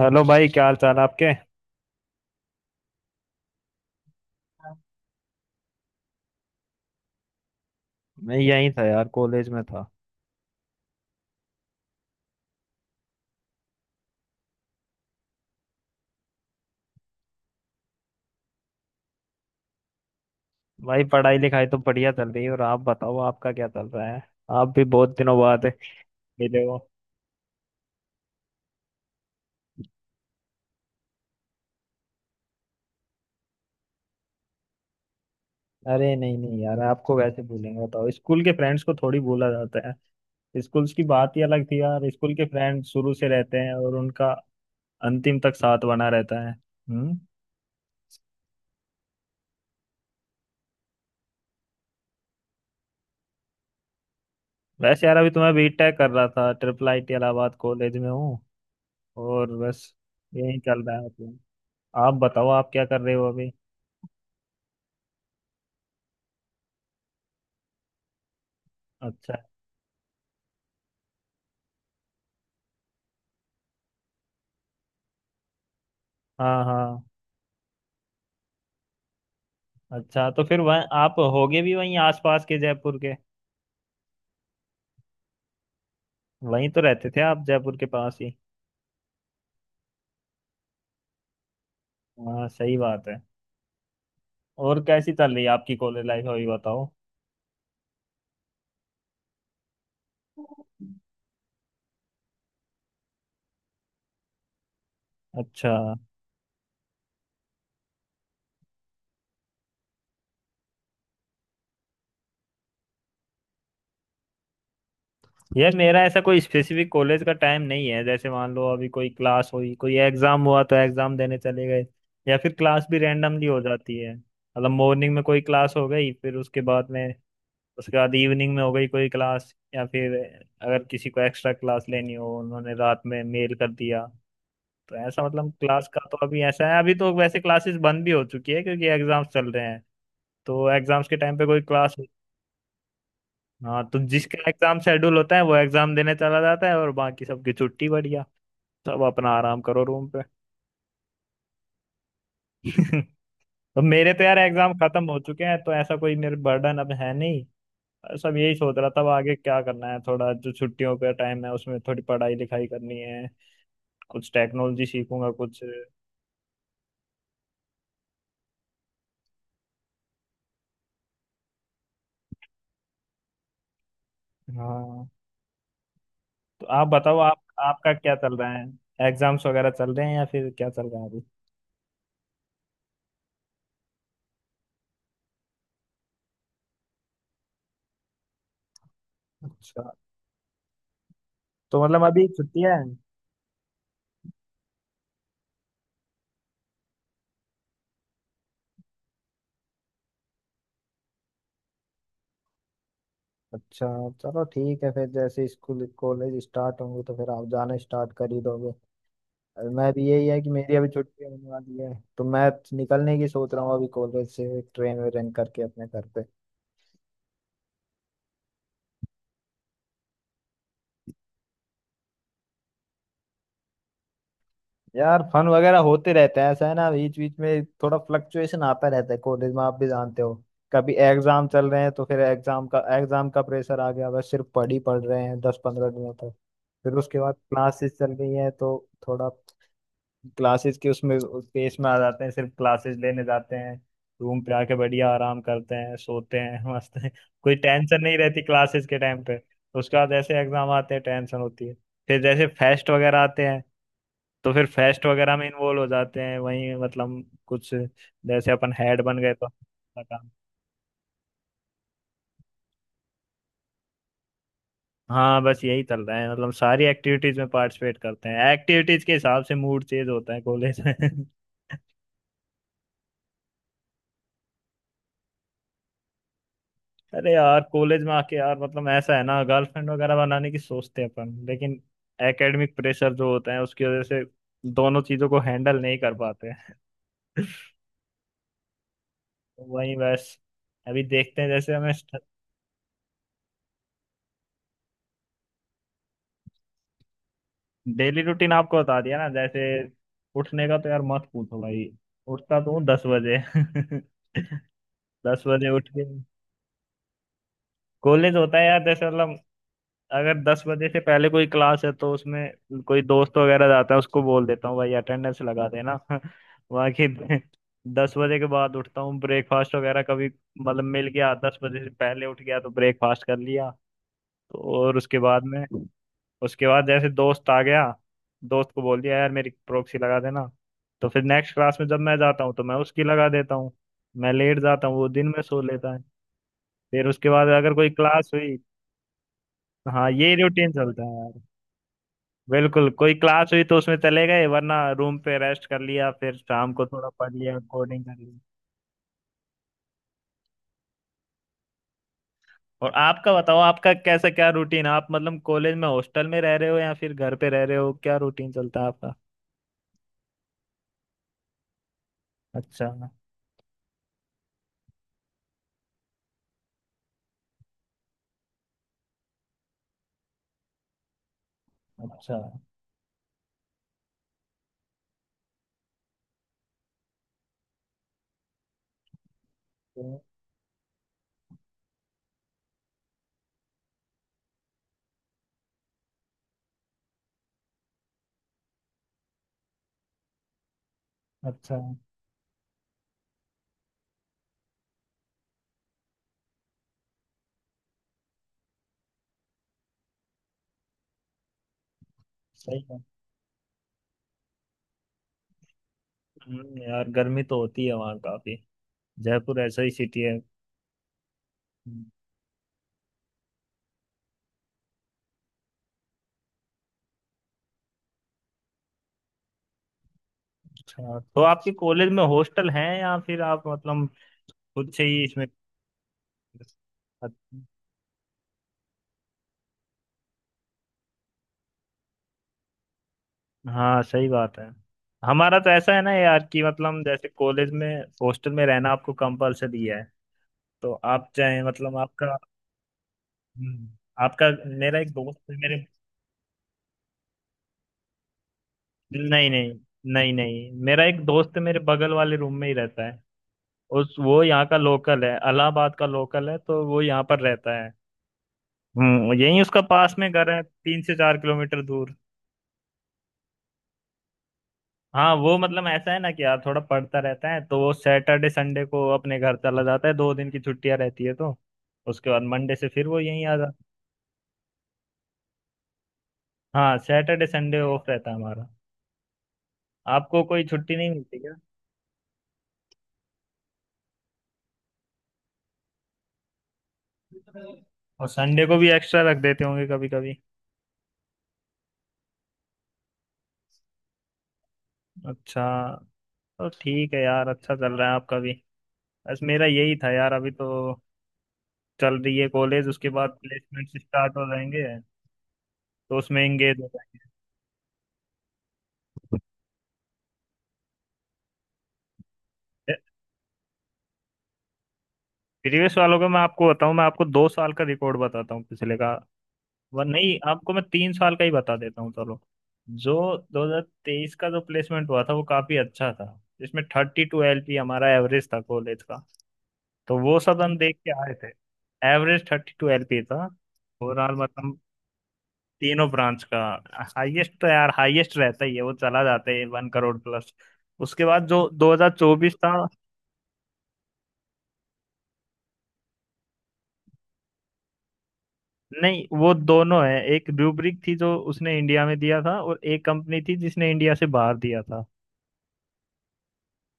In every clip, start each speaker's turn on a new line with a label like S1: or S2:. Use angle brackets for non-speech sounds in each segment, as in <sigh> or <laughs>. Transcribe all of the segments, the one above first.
S1: Hello भाई, क्या हाल चाल आपके। मैं यहीं था यार, कॉलेज में था। भाई पढ़ाई लिखाई तो बढ़िया चल रही है। और आप बताओ, आपका क्या चल रहा है। आप भी बहुत दिनों बाद मिले हो। अरे नहीं नहीं यार, आपको वैसे भूलेंगे? बताओ, स्कूल के फ्रेंड्स को थोड़ी भूला जाता है। स्कूल्स की बात ही अलग थी यार, स्कूल के फ्रेंड शुरू से रहते हैं और उनका अंतिम तक साथ बना रहता है। हम्म। वैसे यार, अभी तो मैं बीटेक कर रहा था, triple I T Allahabad college में हूँ। और बस यही चल रहा है मतलब। आप बताओ, आप क्या कर रहे हो अभी। अच्छा। हाँ हाँ। अच्छा तो फिर वह आप होगे भी वहीं आसपास के, जयपुर के। वहीं तो रहते थे आप, जयपुर के पास ही। हाँ सही बात है। और कैसी चल रही है आपकी कॉलेज लाइफ, अभी बताओ। अच्छा। यार मेरा ऐसा कोई स्पेसिफिक कॉलेज का टाइम नहीं है। जैसे मान लो, अभी कोई क्लास हुई, कोई एग्जाम हुआ तो एग्जाम देने चले गए। या फिर क्लास भी रैंडमली हो जाती है, मतलब मॉर्निंग में कोई क्लास हो गई, फिर उसके बाद में उसके बाद इवनिंग में हो गई कोई क्लास। या फिर अगर किसी को एक्स्ट्रा क्लास लेनी हो, उन्होंने रात में मेल कर दिया। तो ऐसा मतलब, क्लास का तो अभी ऐसा है, अभी तो वैसे क्लासेस बंद भी हो चुकी है क्योंकि एग्जाम्स चल रहे हैं। तो एग्जाम्स के टाइम पे कोई क्लास। हाँ, तो जिसका एग्जाम शेड्यूल होता है वो एग्जाम देने चला जाता है, और बाकी सबकी छुट्टी बढ़िया। सब अपना आराम करो रूम पे। <laughs> तो मेरे तो यार एग्जाम खत्म हो चुके हैं, तो ऐसा कोई मेरे बर्डन अब है नहीं। सब यही सोच रहा था, अब आगे क्या करना है। थोड़ा जो छुट्टियों का टाइम है उसमें थोड़ी पढ़ाई लिखाई करनी है, कुछ टेक्नोलॉजी सीखूंगा कुछ। हाँ, तो आप बताओ, आप आपका क्या चल रहा है। एग्जाम्स वगैरह चल रहे हैं या फिर क्या चल रहा है अभी। अच्छा, तो मतलब अभी छुट्टियां हैं। अच्छा, चलो ठीक है। फिर जैसे स्कूल कॉलेज स्टार्ट होंगे तो फिर आप जाना स्टार्ट कर ही दोगे। और मैं भी यही है कि मेरी अभी छुट्टी होने वाली है, तो मैं निकलने की सोच रहा हूँ, अभी कॉलेज से ट्रेन वेन करके अपने घर पे। यार फन वगैरह होते रहते हैं, ऐसा है ना, बीच बीच में थोड़ा फ्लक्चुएशन आता रहता है कॉलेज में, आप भी जानते हो। कभी एग्जाम चल रहे हैं तो फिर एग्जाम का प्रेशर आ गया, बस सिर्फ पढ़ ही पढ़ रहे हैं 10-15 दिनों तक। फिर उसके बाद क्लासेस चल रही है तो थोड़ा क्लासेस के उसमें पेस में आ जाते हैं, सिर्फ क्लासेस लेने जाते हैं, रूम पे आके बढ़िया आराम करते हैं, सोते हैं। <laughs> मस्त हैं, कोई टेंशन नहीं रहती क्लासेस के टाइम पे। उसके बाद ऐसे एग्जाम आते हैं, टेंशन होती है। फिर जैसे फेस्ट वगैरह आते हैं तो फिर फेस्ट वगैरह में इन्वॉल्व हो जाते हैं, वहीं मतलब कुछ, जैसे अपन हेड बन गए तो अपना काम। हाँ बस यही चल रहा है, मतलब सारी एक्टिविटीज में पार्टिसिपेट करते हैं, एक्टिविटीज के हिसाब से मूड चेंज होता है कॉलेज में। <laughs> अरे यार, कॉलेज में आके यार मतलब ऐसा है ना, गर्लफ्रेंड वगैरह बनाने की सोचते हैं अपन, लेकिन एकेडमिक प्रेशर जो होता है उसकी वजह से दोनों चीजों को हैंडल नहीं कर पाते। <laughs> वही बस, अभी देखते हैं जैसे हमें। डेली रूटीन आपको बता दिया ना जैसे। उठने का तो यार मत पूछो भाई। उठता तो हूँ 10 बजे। <laughs> 10 बजे उठ के कॉलेज होता है यार। जैसे मतलब अगर 10 बजे से पहले कोई क्लास है तो उसमें कोई दोस्त वगैरह जाता है, उसको बोल देता हूँ भाई अटेंडेंस लगा देना। <laughs> बाकी 10 बजे के बाद उठता हूँ, ब्रेकफास्ट वगैरह कभी, मतलब मिल गया 10 बजे से पहले उठ गया तो ब्रेकफास्ट कर लिया। तो। और उसके बाद में उसके बाद जैसे दोस्त आ गया, दोस्त को बोल दिया यार मेरी प्रॉक्सी लगा देना। तो फिर नेक्स्ट क्लास में जब मैं जाता हूँ तो मैं उसकी लगा देता हूँ। मैं लेट जाता हूँ, वो दिन में सो लेता है। फिर उसके बाद अगर कोई क्लास हुई। हाँ, ये रूटीन चलता है यार। बिल्कुल, कोई क्लास हुई तो उसमें चले गए, वरना रूम पे रेस्ट कर लिया, फिर शाम को थोड़ा पढ़ लिया, कोडिंग कर ली। और आपका बताओ, आपका कैसा क्या रूटीन, आप मतलब कॉलेज में हॉस्टल में रह रहे हो या फिर घर पे रह रहे हो, क्या रूटीन चलता है आपका। अच्छा। अच्छा। तो- अच्छा। सही। यार गर्मी तो होती है वहाँ काफी, जयपुर ऐसा ही सिटी है। अच्छा, तो आपके कॉलेज में हॉस्टल हैं या फिर आप मतलब खुद से ही इसमें। अच्छा, हाँ सही बात है। हमारा तो ऐसा है ना यार कि मतलब जैसे कॉलेज में हॉस्टल में रहना आपको कंपलसरी है। तो आप चाहे मतलब आपका। हम्म, आपका, मेरा एक दोस्त है मेरे। नहीं नहीं। नहीं नहीं, मेरा एक दोस्त है मेरे बगल वाले रूम में ही रहता है। उस वो यहाँ का लोकल है, इलाहाबाद का लोकल है, तो वो यहाँ पर रहता है। हम्म, यही उसका पास में घर है, 3 से 4 किलोमीटर दूर। हाँ वो मतलब ऐसा है ना कि यार थोड़ा पढ़ता रहता है, तो वो सैटरडे संडे को अपने घर चला जाता है, 2 दिन की छुट्टियां रहती है तो उसके बाद मंडे से फिर वो यहीं आ जाता। हाँ, सैटरडे संडे ऑफ रहता है हमारा। आपको कोई छुट्टी नहीं मिलती क्या। और संडे को भी एक्स्ट्रा रख देते होंगे कभी कभी। अच्छा, तो ठीक है यार, अच्छा चल रहा है आपका भी। बस मेरा यही था यार। अभी तो चल रही है कॉलेज, उसके बाद प्लेसमेंट स्टार्ट हो जाएंगे तो उसमें एंगेज हो जाएंगे। प्रीवियस वालों का मैं आपको बताऊं, मैं आपको 2 साल का रिकॉर्ड बताता हूँ पिछले का। वह नहीं, आपको मैं 3 साल का ही बता देता हूँ चलो। जो 2023 का जो प्लेसमेंट हुआ था वो काफी अच्छा था, जिसमें 32 LP हमारा एवरेज था कॉलेज का। तो वो सब हम देख के आए थे। एवरेज 32 LP था ओवरऑल, मतलब तीनों ब्रांच का। हाईएस्ट तो यार हाईएस्ट रहता ही है, वो चला जाता है 1 करोड़ प्लस। उसके बाद जो 2024 था। नहीं, वो दोनों है, एक रूब्रिक थी जो उसने इंडिया में दिया था और एक कंपनी थी जिसने इंडिया से बाहर दिया था।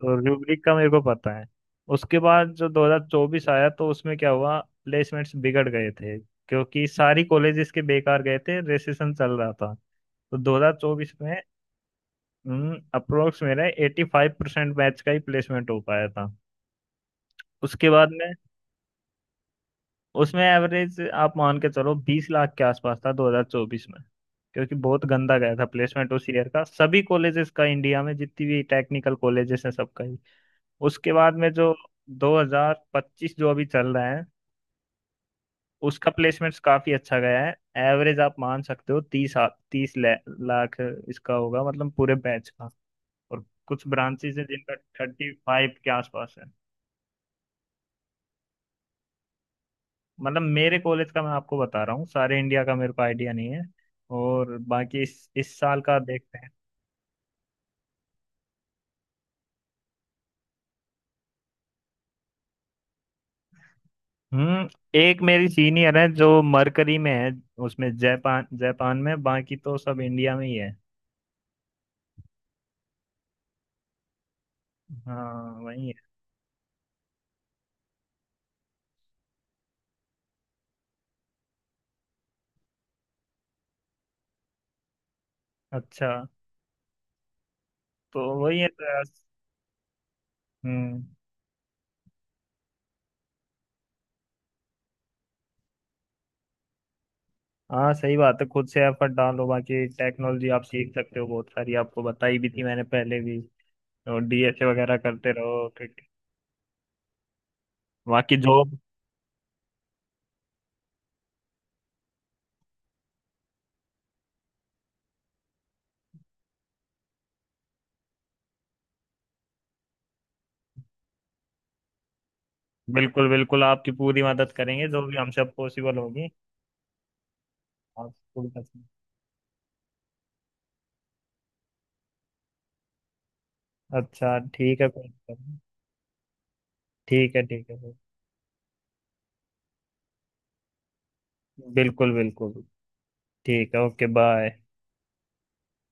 S1: तो रूब्रिक का मेरे को पता है। उसके बाद जो 2024 आया तो उसमें क्या हुआ, प्लेसमेंट्स बिगड़ गए थे क्योंकि सारी कॉलेजेस के बेकार गए थे, रिसेशन चल रहा था। तो 2024 में अप्रोक्स मेरे 85% बैच का ही प्लेसमेंट हो पाया था। उसके बाद में उसमें एवरेज आप मान के चलो 20 लाख के आसपास था 2024 में, क्योंकि बहुत गंदा गया था प्लेसमेंट उस ईयर का, सभी कॉलेजेस का, इंडिया में जितनी भी टेक्निकल कॉलेजेस हैं सबका ही। उसके बाद में जो 2025 जो अभी चल रहा है, उसका प्लेसमेंट्स काफी अच्छा गया है। एवरेज आप मान सकते हो तीस तीस लाख इसका होगा, मतलब पूरे बैच का। और कुछ ब्रांचेस हैं जिनका 35 के आसपास है। मतलब मेरे कॉलेज का मैं आपको बता रहा हूँ, सारे इंडिया का मेरे को आइडिया नहीं है। और बाकी इस साल का देखते हैं। हम्म। एक मेरी सीनियर है जो मरकरी में है, उसमें जापान, जापान में। बाकी तो सब इंडिया में ही है। हाँ वही है। अच्छा, तो वही है तो यार। हम्म। हाँ सही बात है, खुद से एफर्ट डालो, बाकी टेक्नोलॉजी आप सीख सकते हो बहुत सारी, आपको बताई भी थी मैंने पहले भी। और डीएसए वगैरह करते रहो। बाकी जॉब। बिल्कुल बिल्कुल, आपकी पूरी मदद करेंगे जो भी हमसे पॉसिबल होगी। आप स्कूल का। अच्छा ठीक है, कोई दिक्कत नहीं। ठीक है ठीक है। बिल्कुल बिल्कुल। ठीक है, ओके, बाय।